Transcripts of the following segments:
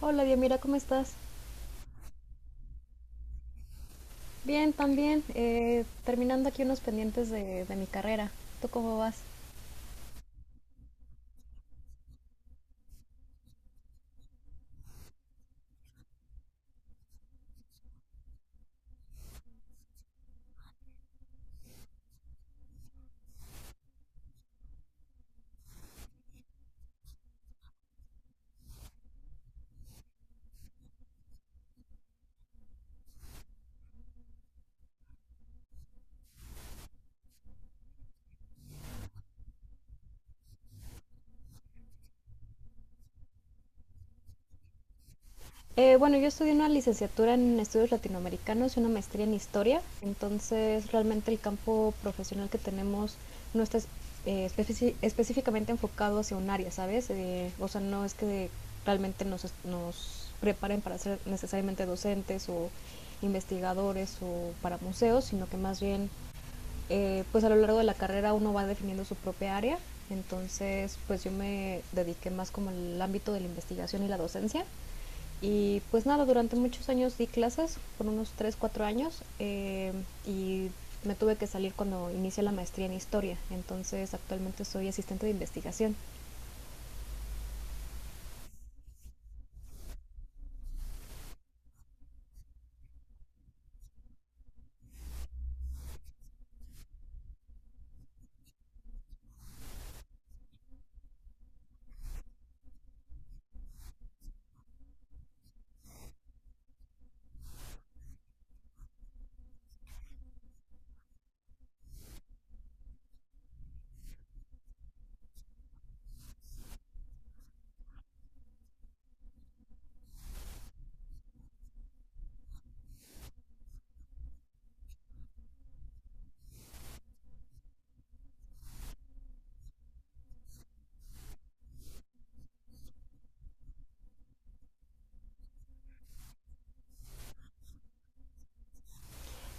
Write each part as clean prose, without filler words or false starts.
Hola, bien, mira, ¿cómo estás? Bien, también. Terminando aquí unos pendientes de mi carrera. ¿Tú cómo vas? Bueno, yo estudié una licenciatura en estudios latinoamericanos y una maestría en historia. Entonces, realmente el campo profesional que tenemos no está es- específicamente enfocado hacia un área, ¿sabes? O sea, no es que realmente nos preparen para ser necesariamente docentes o investigadores o para museos, sino que más bien pues a lo largo de la carrera uno va definiendo su propia área. Entonces pues yo me dediqué más como al ámbito de la investigación y la docencia. Y pues nada, durante muchos años di clases, por unos 3 4 años, y me tuve que salir cuando inicié la maestría en historia. Entonces actualmente soy asistente de investigación.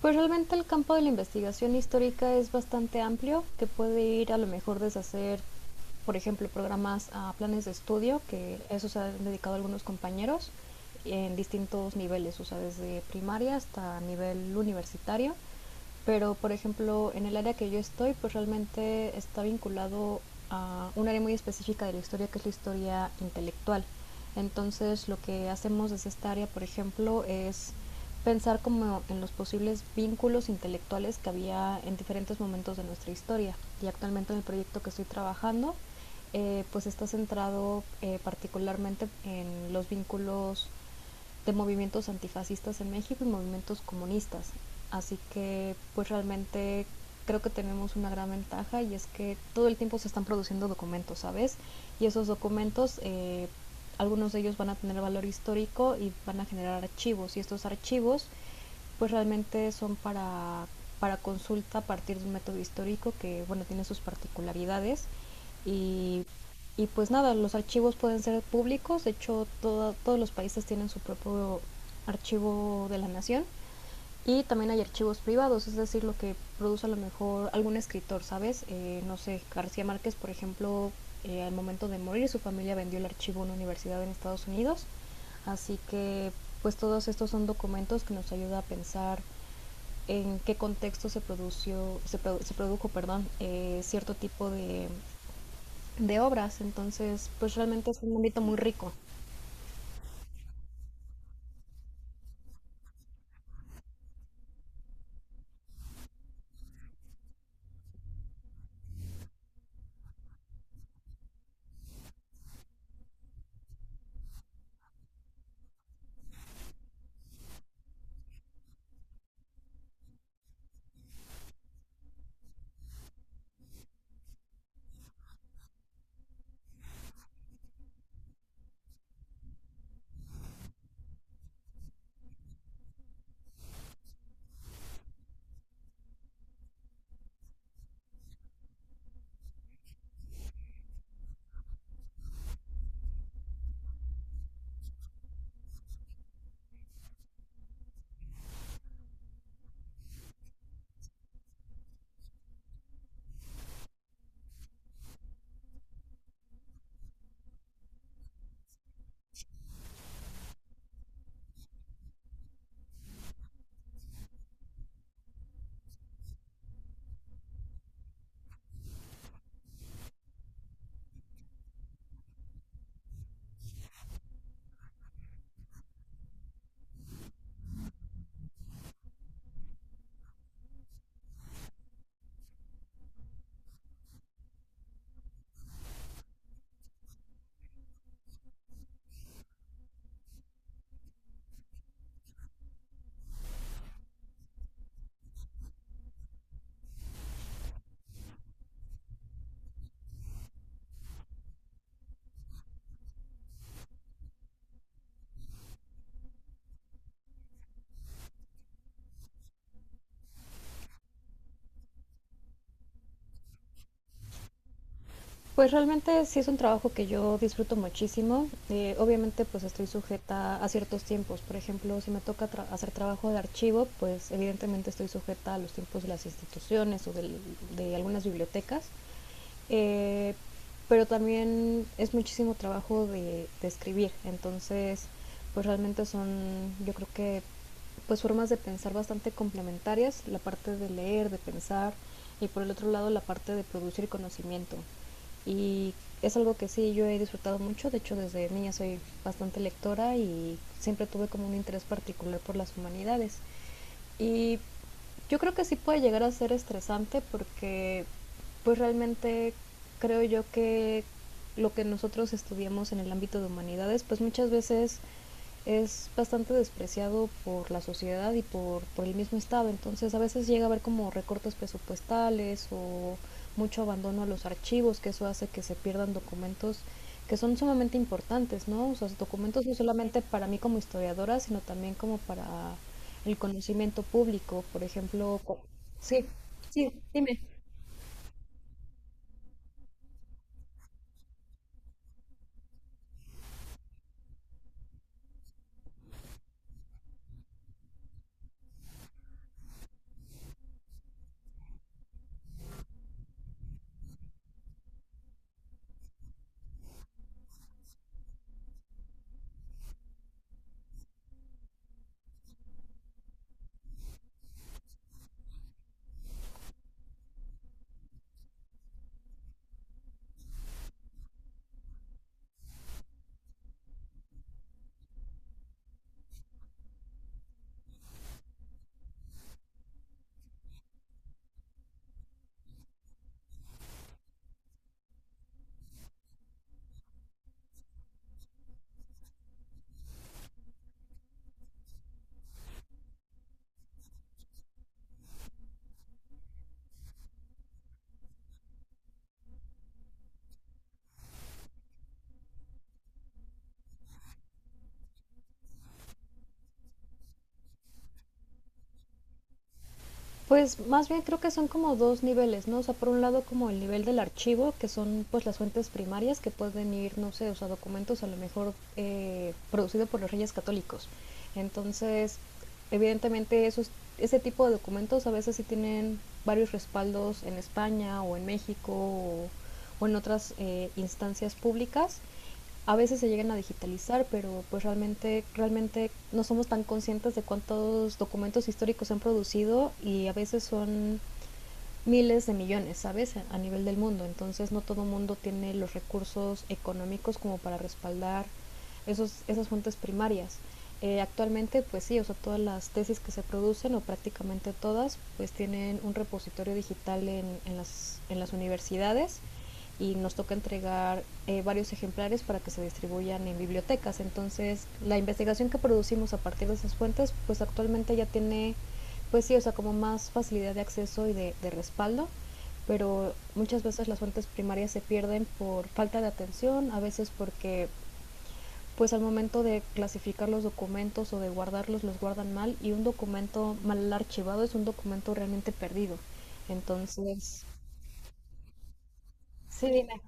Pues realmente el campo de la investigación histórica es bastante amplio, que puede ir a lo mejor desde hacer, por ejemplo, programas a planes de estudio, que eso se han dedicado algunos compañeros en distintos niveles, o sea, desde primaria hasta nivel universitario. Pero, por ejemplo, en el área que yo estoy, pues realmente está vinculado a un área muy específica de la historia, que es la historia intelectual. Entonces, lo que hacemos desde esta área, por ejemplo, es pensar como en los posibles vínculos intelectuales que había en diferentes momentos de nuestra historia. Y actualmente en el proyecto que estoy trabajando, pues está centrado particularmente en los vínculos de movimientos antifascistas en México y movimientos comunistas. Así que pues realmente creo que tenemos una gran ventaja y es que todo el tiempo se están produciendo documentos, ¿sabes? Y esos documentos, algunos de ellos van a tener valor histórico y van a generar archivos. Y estos archivos pues realmente son para consulta a partir de un método histórico que, bueno, tiene sus particularidades y, y pues nada, los archivos pueden ser públicos. De hecho todos los países tienen su propio archivo de la nación y también hay archivos privados, es decir, lo que produce a lo mejor algún escritor, ¿sabes? No sé, García Márquez, por ejemplo, al momento de morir su familia vendió el archivo a una universidad en Estados Unidos. Así que pues todos estos son documentos que nos ayuda a pensar en qué contexto se produjo, perdón, cierto tipo de obras. Entonces pues realmente es un ámbito muy rico. Pues realmente sí es un trabajo que yo disfruto muchísimo. Obviamente pues estoy sujeta a ciertos tiempos. Por ejemplo, si me toca hacer trabajo de archivo, pues evidentemente estoy sujeta a los tiempos de las instituciones o de algunas bibliotecas. Eh, pero también es muchísimo trabajo de escribir. Entonces, pues realmente son, yo creo que pues formas de pensar bastante complementarias. La parte de leer, de pensar, y por el otro lado la parte de producir conocimiento, y es algo que sí yo he disfrutado mucho. De hecho desde niña soy bastante lectora y siempre tuve como un interés particular por las humanidades. Y yo creo que sí puede llegar a ser estresante porque pues realmente creo yo que lo que nosotros estudiamos en el ámbito de humanidades pues muchas veces es bastante despreciado por la sociedad y por el mismo Estado. Entonces a veces llega a haber como recortes presupuestales o mucho abandono a los archivos, que eso hace que se pierdan documentos que son sumamente importantes, ¿no? O sea, documentos no solamente para mí como historiadora, sino también como para el conocimiento público. Por ejemplo, sí, sí, dime. Pues más bien creo que son como dos niveles, ¿no? O sea, por un lado como el nivel del archivo, que son pues las fuentes primarias que pueden ir, no sé, o sea, documentos a lo mejor producidos por los reyes católicos. Entonces, evidentemente ese tipo de documentos a veces sí tienen varios respaldos en España o en México o en otras instancias públicas. A veces se llegan a digitalizar, pero pues realmente no somos tan conscientes de cuántos documentos históricos se han producido y a veces son miles de millones, ¿sabes? A nivel del mundo. Entonces no todo mundo tiene los recursos económicos como para respaldar esas fuentes primarias. Actualmente, pues sí, o sea, todas las tesis que se producen, o prácticamente todas, pues tienen un repositorio digital en las universidades y nos toca entregar varios ejemplares para que se distribuyan en bibliotecas. Entonces, la investigación que producimos a partir de esas fuentes, pues actualmente ya tiene pues sí, o sea, como más facilidad de acceso y de respaldo, pero muchas veces las fuentes primarias se pierden por falta de atención, a veces porque pues al momento de clasificar los documentos o de guardarlos los guardan mal, y un documento mal archivado es un documento realmente perdido. Entonces, sí, dime.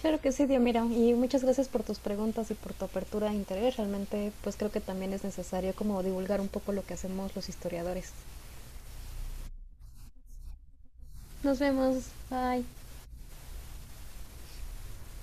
Claro que sí, Dios, mira, y muchas gracias por tus preguntas y por tu apertura de interés. Realmente, pues creo que también es necesario como divulgar un poco lo que hacemos los historiadores. Nos vemos, bye.